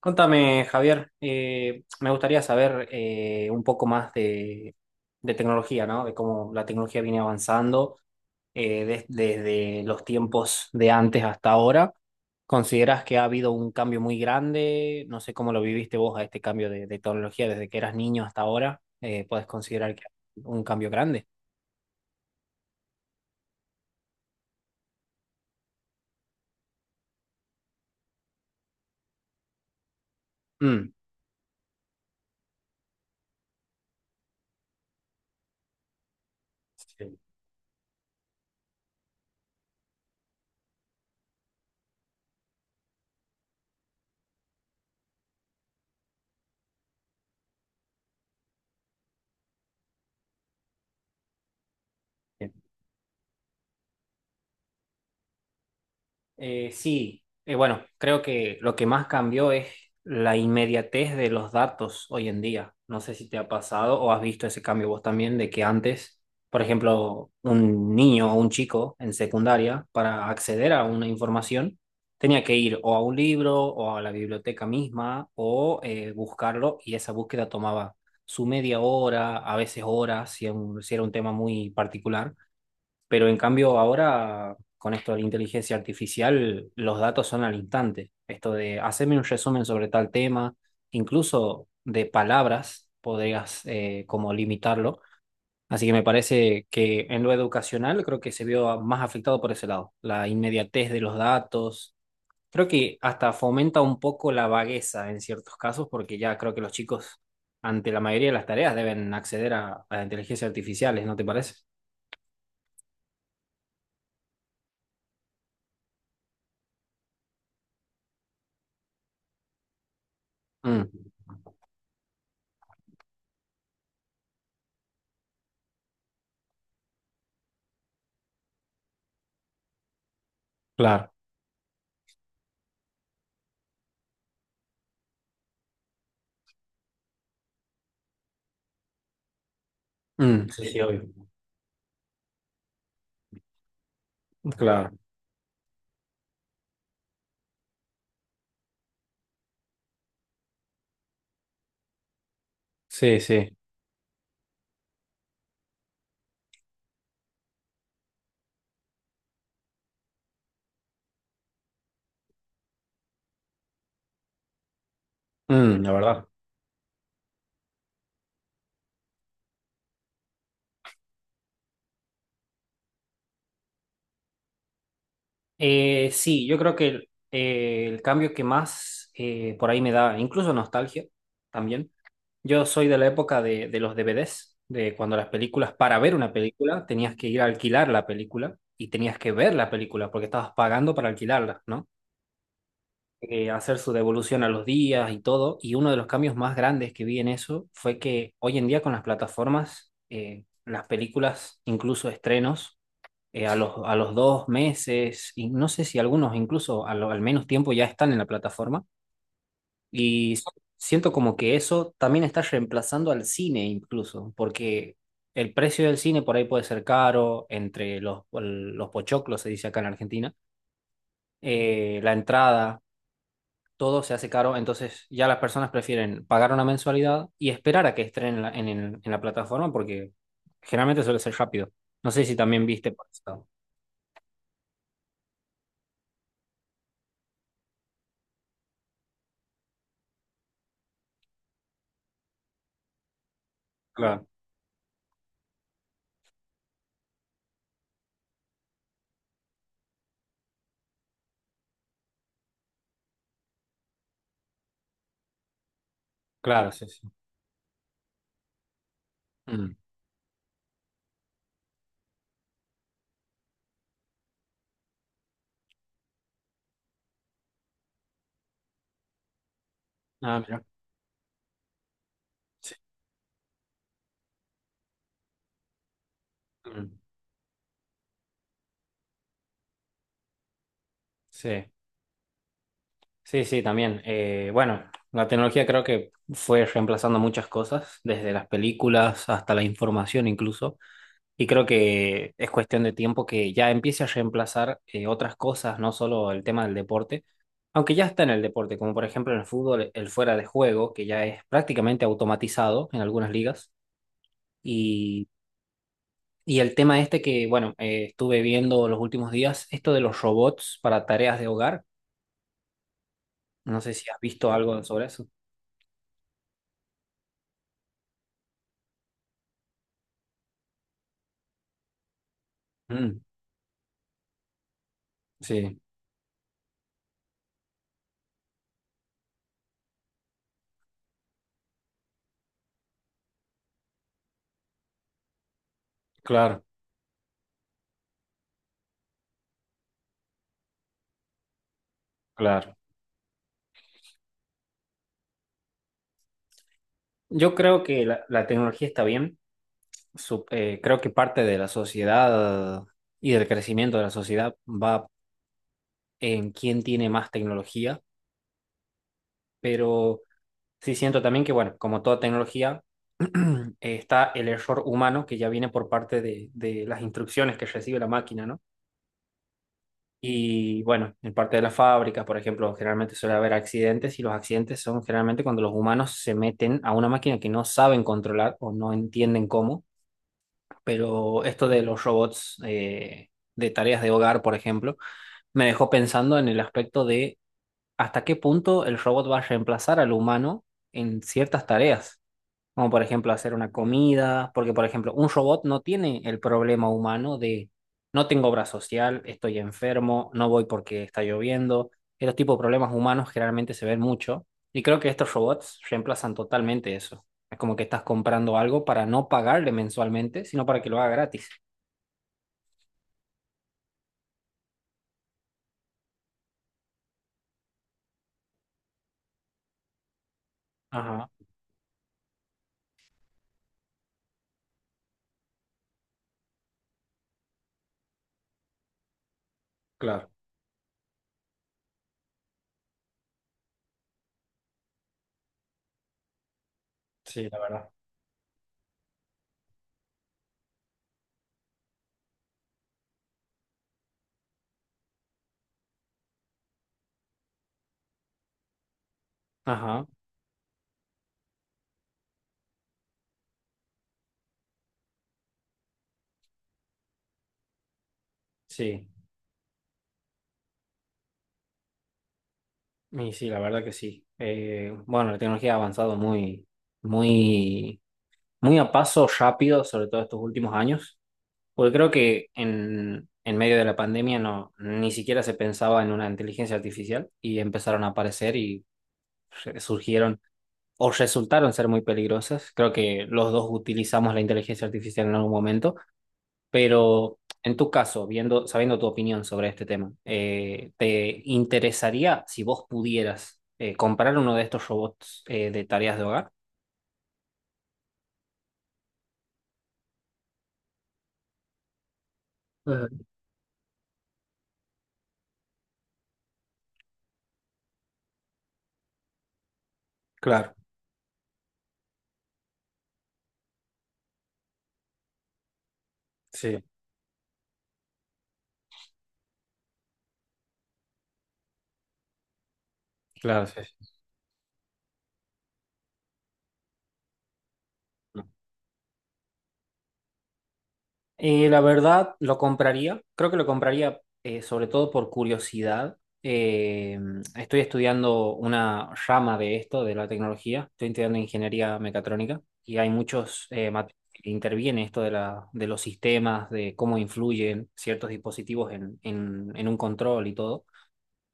Contame, Javier, me gustaría saber un poco más de tecnología, ¿no? De cómo la tecnología viene avanzando desde los tiempos de antes hasta ahora. ¿Consideras que ha habido un cambio muy grande? No sé cómo lo viviste vos a este cambio de tecnología desde que eras niño hasta ahora. ¿Puedes considerar que ha habido un cambio grande? Mm. Sí. Eh, sí, bueno, creo que lo que más cambió es la inmediatez de los datos hoy en día. No sé si te ha pasado o has visto ese cambio vos también, de que antes, por ejemplo, un niño o un chico en secundaria, para acceder a una información, tenía que ir o a un libro o a la biblioteca misma o buscarlo, y esa búsqueda tomaba su media hora, a veces horas, si era un si era un tema muy particular. Pero en cambio ahora, con esto de la inteligencia artificial, los datos son al instante. Esto de hacerme un resumen sobre tal tema, incluso de palabras, podrías como limitarlo. Así que me parece que en lo educacional creo que se vio más afectado por ese lado, la inmediatez de los datos. Creo que hasta fomenta un poco la vagueza en ciertos casos, porque ya creo que los chicos ante la mayoría de las tareas deben acceder a inteligencias artificiales, ¿no te parece? Mm, claro. Mm. Sí, sí, obvio. Claro. Sí, sí. Mm, la verdad. Sí, yo creo que el cambio que más por ahí me da, incluso nostalgia también. Yo soy de la época de los DVDs, de cuando las películas, para ver una película, tenías que ir a alquilar la película y tenías que ver la película porque estabas pagando para alquilarla, ¿no? Hacer su devolución a los días y todo. Y uno de los cambios más grandes que vi en eso fue que hoy en día con las plataformas, las películas, incluso estrenos, a los dos meses, y no sé si algunos incluso al menos tiempo ya están en la plataforma. Y s- siento como que eso también está reemplazando al cine incluso, porque el precio del cine por ahí puede ser caro, entre los pochoclos, se dice acá en Argentina, la entrada. Todo se hace caro, entonces ya las personas prefieren pagar una mensualidad y esperar a que estrenen en la plataforma porque generalmente suele ser rápido. No sé si también viste por eso. Claro, claro, sí, sí. Mm. Ah, mira. Sí. Mm. Sí, sí, sí, también. Bueno, la tecnología creo que fue reemplazando muchas cosas, desde las películas hasta la información incluso. Y creo que es cuestión de tiempo que ya empiece a reemplazar otras cosas, no solo el tema del deporte, aunque ya está en el deporte, como por ejemplo en el fútbol, el fuera de juego, que ya es prácticamente automatizado en algunas ligas. Y, y el tema este que, bueno, estuve viendo los últimos días, esto de los robots para tareas de hogar. No sé si has visto algo sobre eso. Mm, sí, claro, claro. Yo creo que la tecnología está bien. Creo que parte de la sociedad y del crecimiento de la sociedad va en quién tiene más tecnología, pero sí siento también que, bueno, como toda tecnología, está el error humano que ya viene por parte de las instrucciones que recibe la máquina, ¿no? Y bueno, en parte de las fábricas, por ejemplo, generalmente suele haber accidentes y los accidentes son generalmente cuando los humanos se meten a una máquina que no saben controlar o no entienden cómo. Pero esto de los robots de tareas de hogar, por ejemplo, me dejó pensando en el aspecto de hasta qué punto el robot va a reemplazar al humano en ciertas tareas. Como por ejemplo hacer una comida, porque por ejemplo un robot no tiene el problema humano de no tengo obra social, estoy enfermo, no voy porque está lloviendo. Esos tipos de problemas humanos generalmente se ven mucho y creo que estos robots reemplazan totalmente eso. Es como que estás comprando algo para no pagarle mensualmente, sino para que lo haga gratis. Ajá, claro, sí, la verdad. Ajá, sí, y sí, la verdad que sí. Bueno, la tecnología ha avanzado muy, muy muy a paso rápido, sobre todo estos últimos años, porque creo que en medio de la pandemia no, ni siquiera se pensaba en una inteligencia artificial y empezaron a aparecer y surgieron o resultaron ser muy peligrosas. Creo que los dos utilizamos la inteligencia artificial en algún momento, pero en tu caso, viendo, sabiendo tu opinión sobre este tema, ¿te interesaría si vos pudieras comprar uno de estos robots de tareas de hogar? Ajá. Claro, sí, claro, sí. Sí. La verdad, lo compraría. Creo que lo compraría sobre todo por curiosidad. Eh, estoy estudiando una rama de esto, de la tecnología. Estoy estudiando ingeniería mecatrónica y hay muchos que interviene esto de la, de los sistemas, de cómo influyen ciertos dispositivos en un control y todo.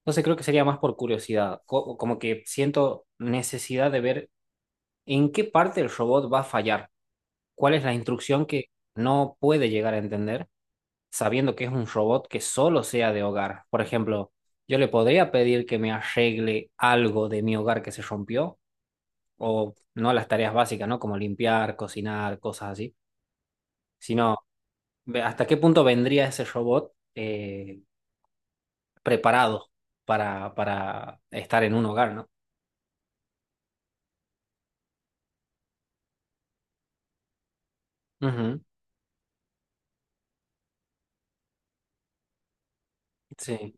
Entonces creo que sería más por curiosidad, como que siento necesidad de ver en qué parte el robot va a fallar, cuál es la instrucción que no puede llegar a entender sabiendo que es un robot que solo sea de hogar. Por ejemplo, yo le podría pedir que me arregle algo de mi hogar que se rompió, o no las tareas básicas, ¿no? Como limpiar, cocinar, cosas así, sino hasta qué punto vendría ese robot preparado para estar en un hogar, ¿no? Ujú. Sí,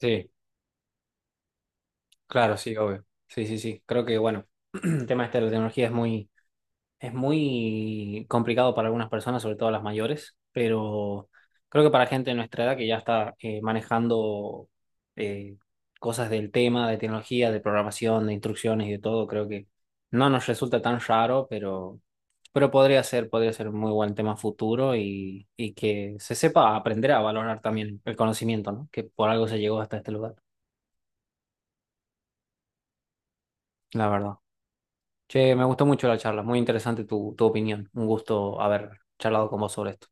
sí, claro, sí, obvio. Sí, sí, sí. Creo que, bueno, el tema este de la tecnología es muy. Es muy complicado para algunas personas, sobre todo las mayores, pero creo que para gente de nuestra edad que ya está manejando eh, cosas del tema, de tecnología, de programación, de instrucciones y de todo, creo que no nos resulta tan raro, pero podría ser un muy buen tema futuro y que se sepa aprender a valorar también el conocimiento, ¿no? Que por algo se llegó hasta este lugar, la verdad. Che, me gustó mucho la charla, muy interesante tu, tu opinión, un gusto haber charlado con vos sobre esto.